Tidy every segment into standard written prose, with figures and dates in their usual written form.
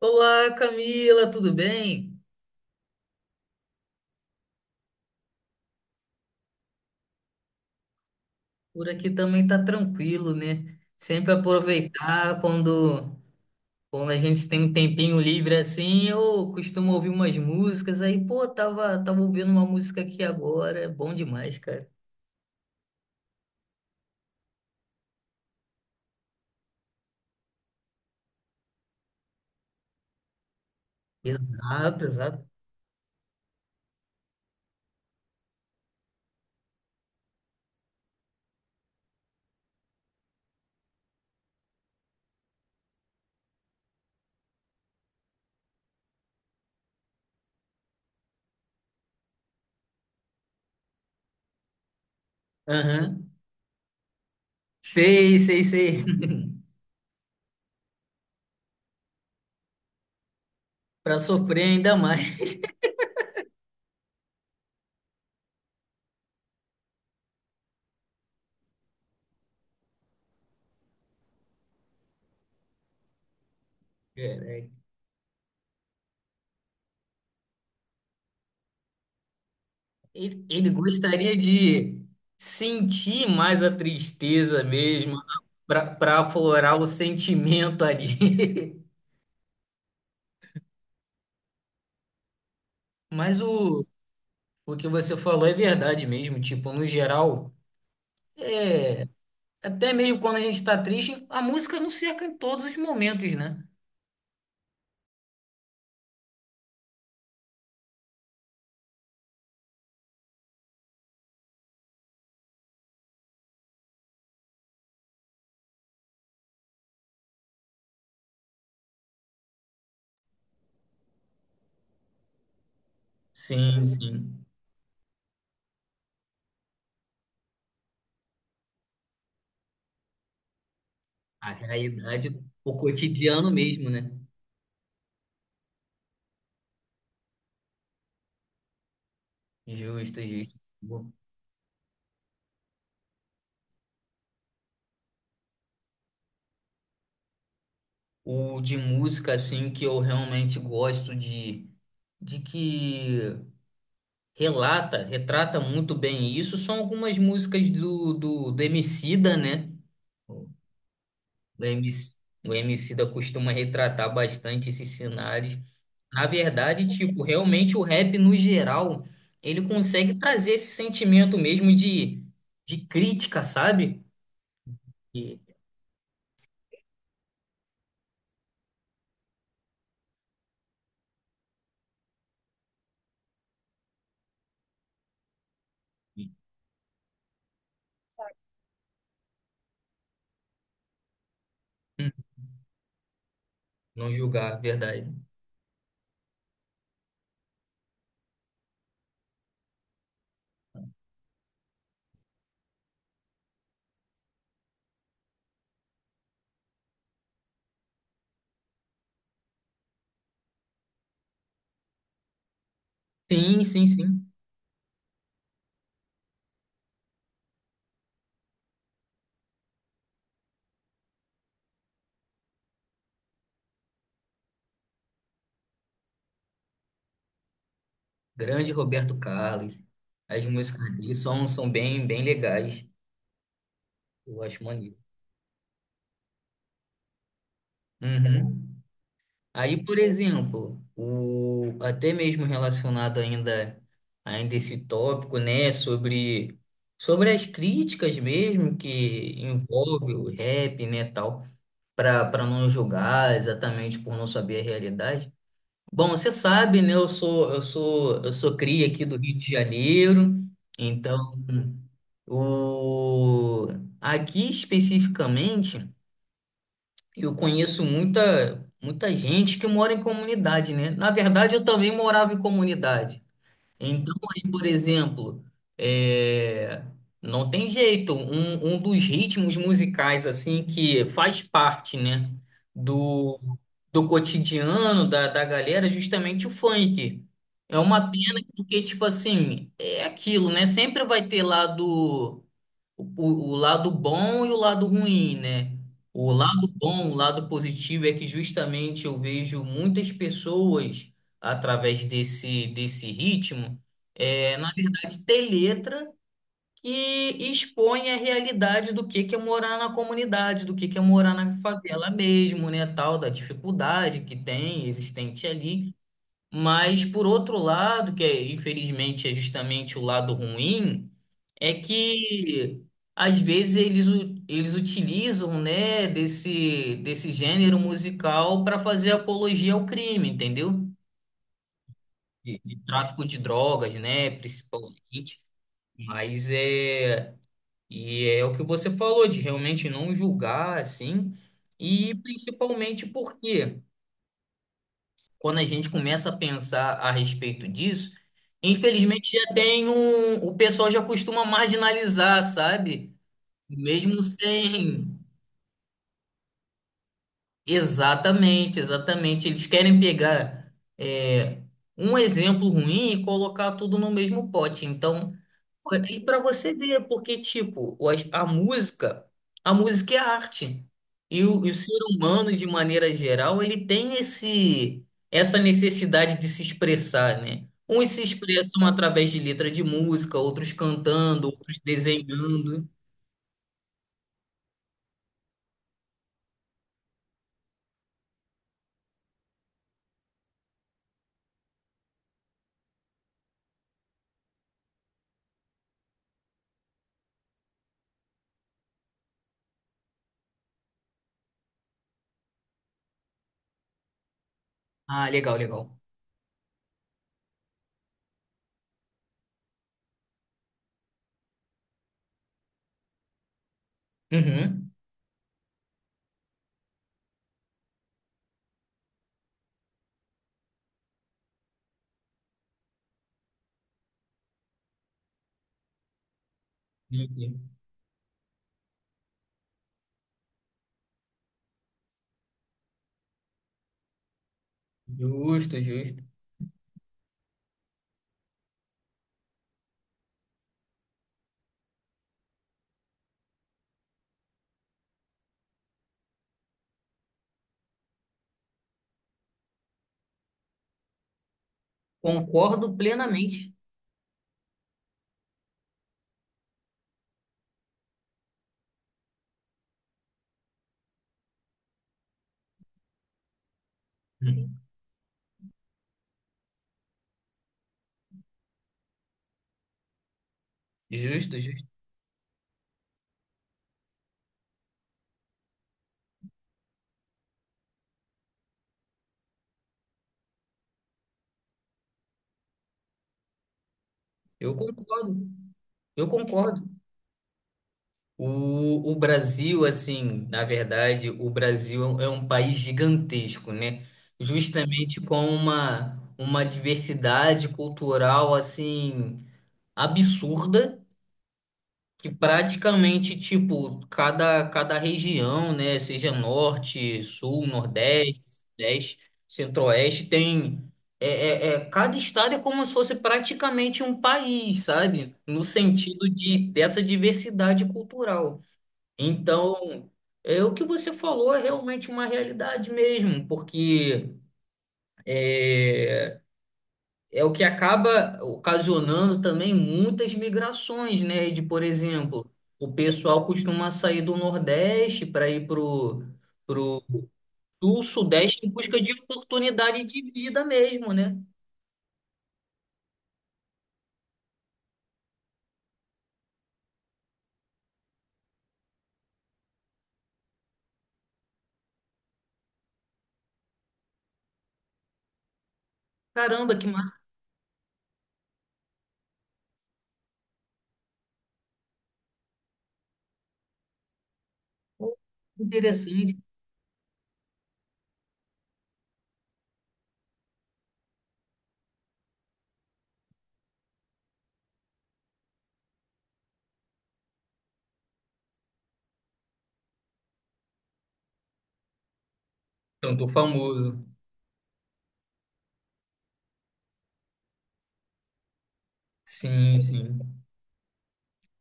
Olá, Camila, tudo bem? Por aqui também tá tranquilo, né? Sempre aproveitar quando a gente tem um tempinho livre assim, eu costumo ouvir umas músicas aí, pô, tava ouvindo uma música aqui agora, é bom demais, cara. Exato, exato. Aham. Sei, sei, sei. Pra sofrer ainda mais. Caraca. Ele gostaria de sentir mais a tristeza mesmo, para pra aflorar o sentimento ali. Mas o, o que você falou é verdade mesmo. Tipo, no geral, é, até mesmo quando a gente está triste, a música nos cerca em todos os momentos, né? Sim, sim. A realidade, o cotidiano mesmo, né? Justo, justo. O de música, assim, que eu realmente gosto de que relata, retrata muito bem isso, são algumas músicas do, do, do Emicida, né? O MC, o Emicida costuma retratar bastante esses cenários. Na verdade, tipo, realmente o rap no geral, ele consegue trazer esse sentimento mesmo de crítica, sabe? E- e- hum, não julgar, verdade. Sim, sim, sim. Grande Roberto Carlos. As músicas dele são bem, bem legais. Eu acho maneiro. Uhum. Aí, por exemplo, o, até mesmo relacionado ainda esse tópico, né, sobre as críticas mesmo que envolve o rap, né, tal, para não julgar exatamente por não saber a realidade. Bom, você sabe, né, eu sou cria aqui do Rio de Janeiro, então o aqui especificamente eu conheço muita, muita gente que mora em comunidade, né? Na verdade, eu também morava em comunidade. Então, aí, por exemplo, é, não tem jeito. Um dos ritmos musicais, assim, que faz parte, né, do, do cotidiano da, da galera, é justamente o funk. É uma pena porque, tipo assim, é aquilo, né? Sempre vai ter lá do o, o lado bom e o lado ruim, né? O lado bom, o lado positivo é que justamente eu vejo muitas pessoas através desse, desse ritmo, é, na verdade, ter letra que expõe a realidade do que é morar na comunidade, do que é morar na favela mesmo, né? Tal da dificuldade que tem existente ali. Mas, por outro lado, que é, infelizmente é justamente o lado ruim, é que às vezes eles utilizam, né, desse, desse gênero musical para fazer apologia ao crime, entendeu? De tráfico de drogas, né, principalmente. Mas é. E é o que você falou, de realmente não julgar, assim. E principalmente porque quando a gente começa a pensar a respeito disso, infelizmente já tem um, o pessoal já costuma marginalizar, sabe? Mesmo sem, Exatamente, exatamente. Eles querem pegar é, um exemplo ruim e colocar tudo no mesmo pote. Então, e para você ver, porque, tipo, a música é arte. E o ser humano, de maneira geral, ele tem essa necessidade de se expressar, né? Uns se expressam através de letra de música, outros cantando, outros desenhando. Ah, legal, legal. Uhum. Justo, justo. Concordo plenamente. Uhum. Justo, justo. Eu concordo. Eu concordo. O Brasil, assim, na verdade, o Brasil é um país gigantesco, né? Justamente com uma diversidade cultural, assim, absurda. Que praticamente, tipo, cada região, né, seja norte, sul, nordeste, sudeste, centro-oeste, tem. É, cada estado é como se fosse praticamente um país, sabe? No sentido de dessa diversidade cultural. Então, é o que você falou é realmente uma realidade mesmo, porque é, é o que acaba ocasionando também muitas migrações, né? De, por exemplo, o pessoal costuma sair do Nordeste para ir pro Sul, Sudeste em busca de oportunidade de vida mesmo, né? Caramba, que massa interessante. Tanto famoso. Sim, sim.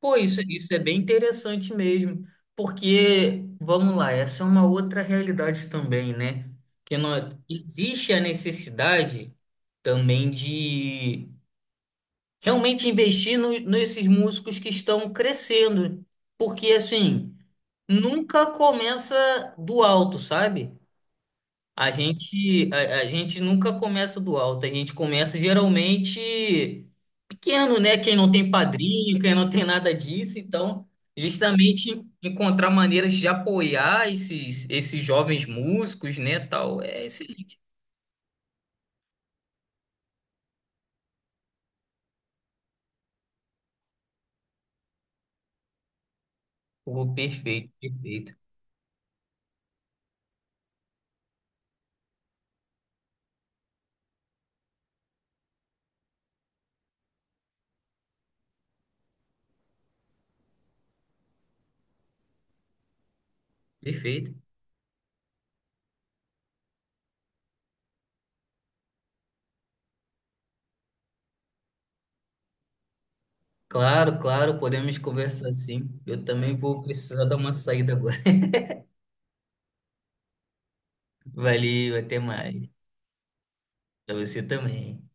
Pô, isso é bem interessante mesmo, porque, vamos lá, essa é uma outra realidade também, né? Que nós, existe a necessidade também de realmente investir nesses músicos que estão crescendo, porque, assim, nunca começa do alto, sabe? A gente nunca começa do alto, a gente começa geralmente pequeno, né? Quem não tem padrinho, quem não tem nada disso, então, justamente encontrar maneiras de apoiar esses jovens músicos, né, tal, é excelente. Pô, perfeito. Claro, claro, podemos conversar sim. Eu também vou precisar dar uma saída agora. Valeu, até mais. Pra você também.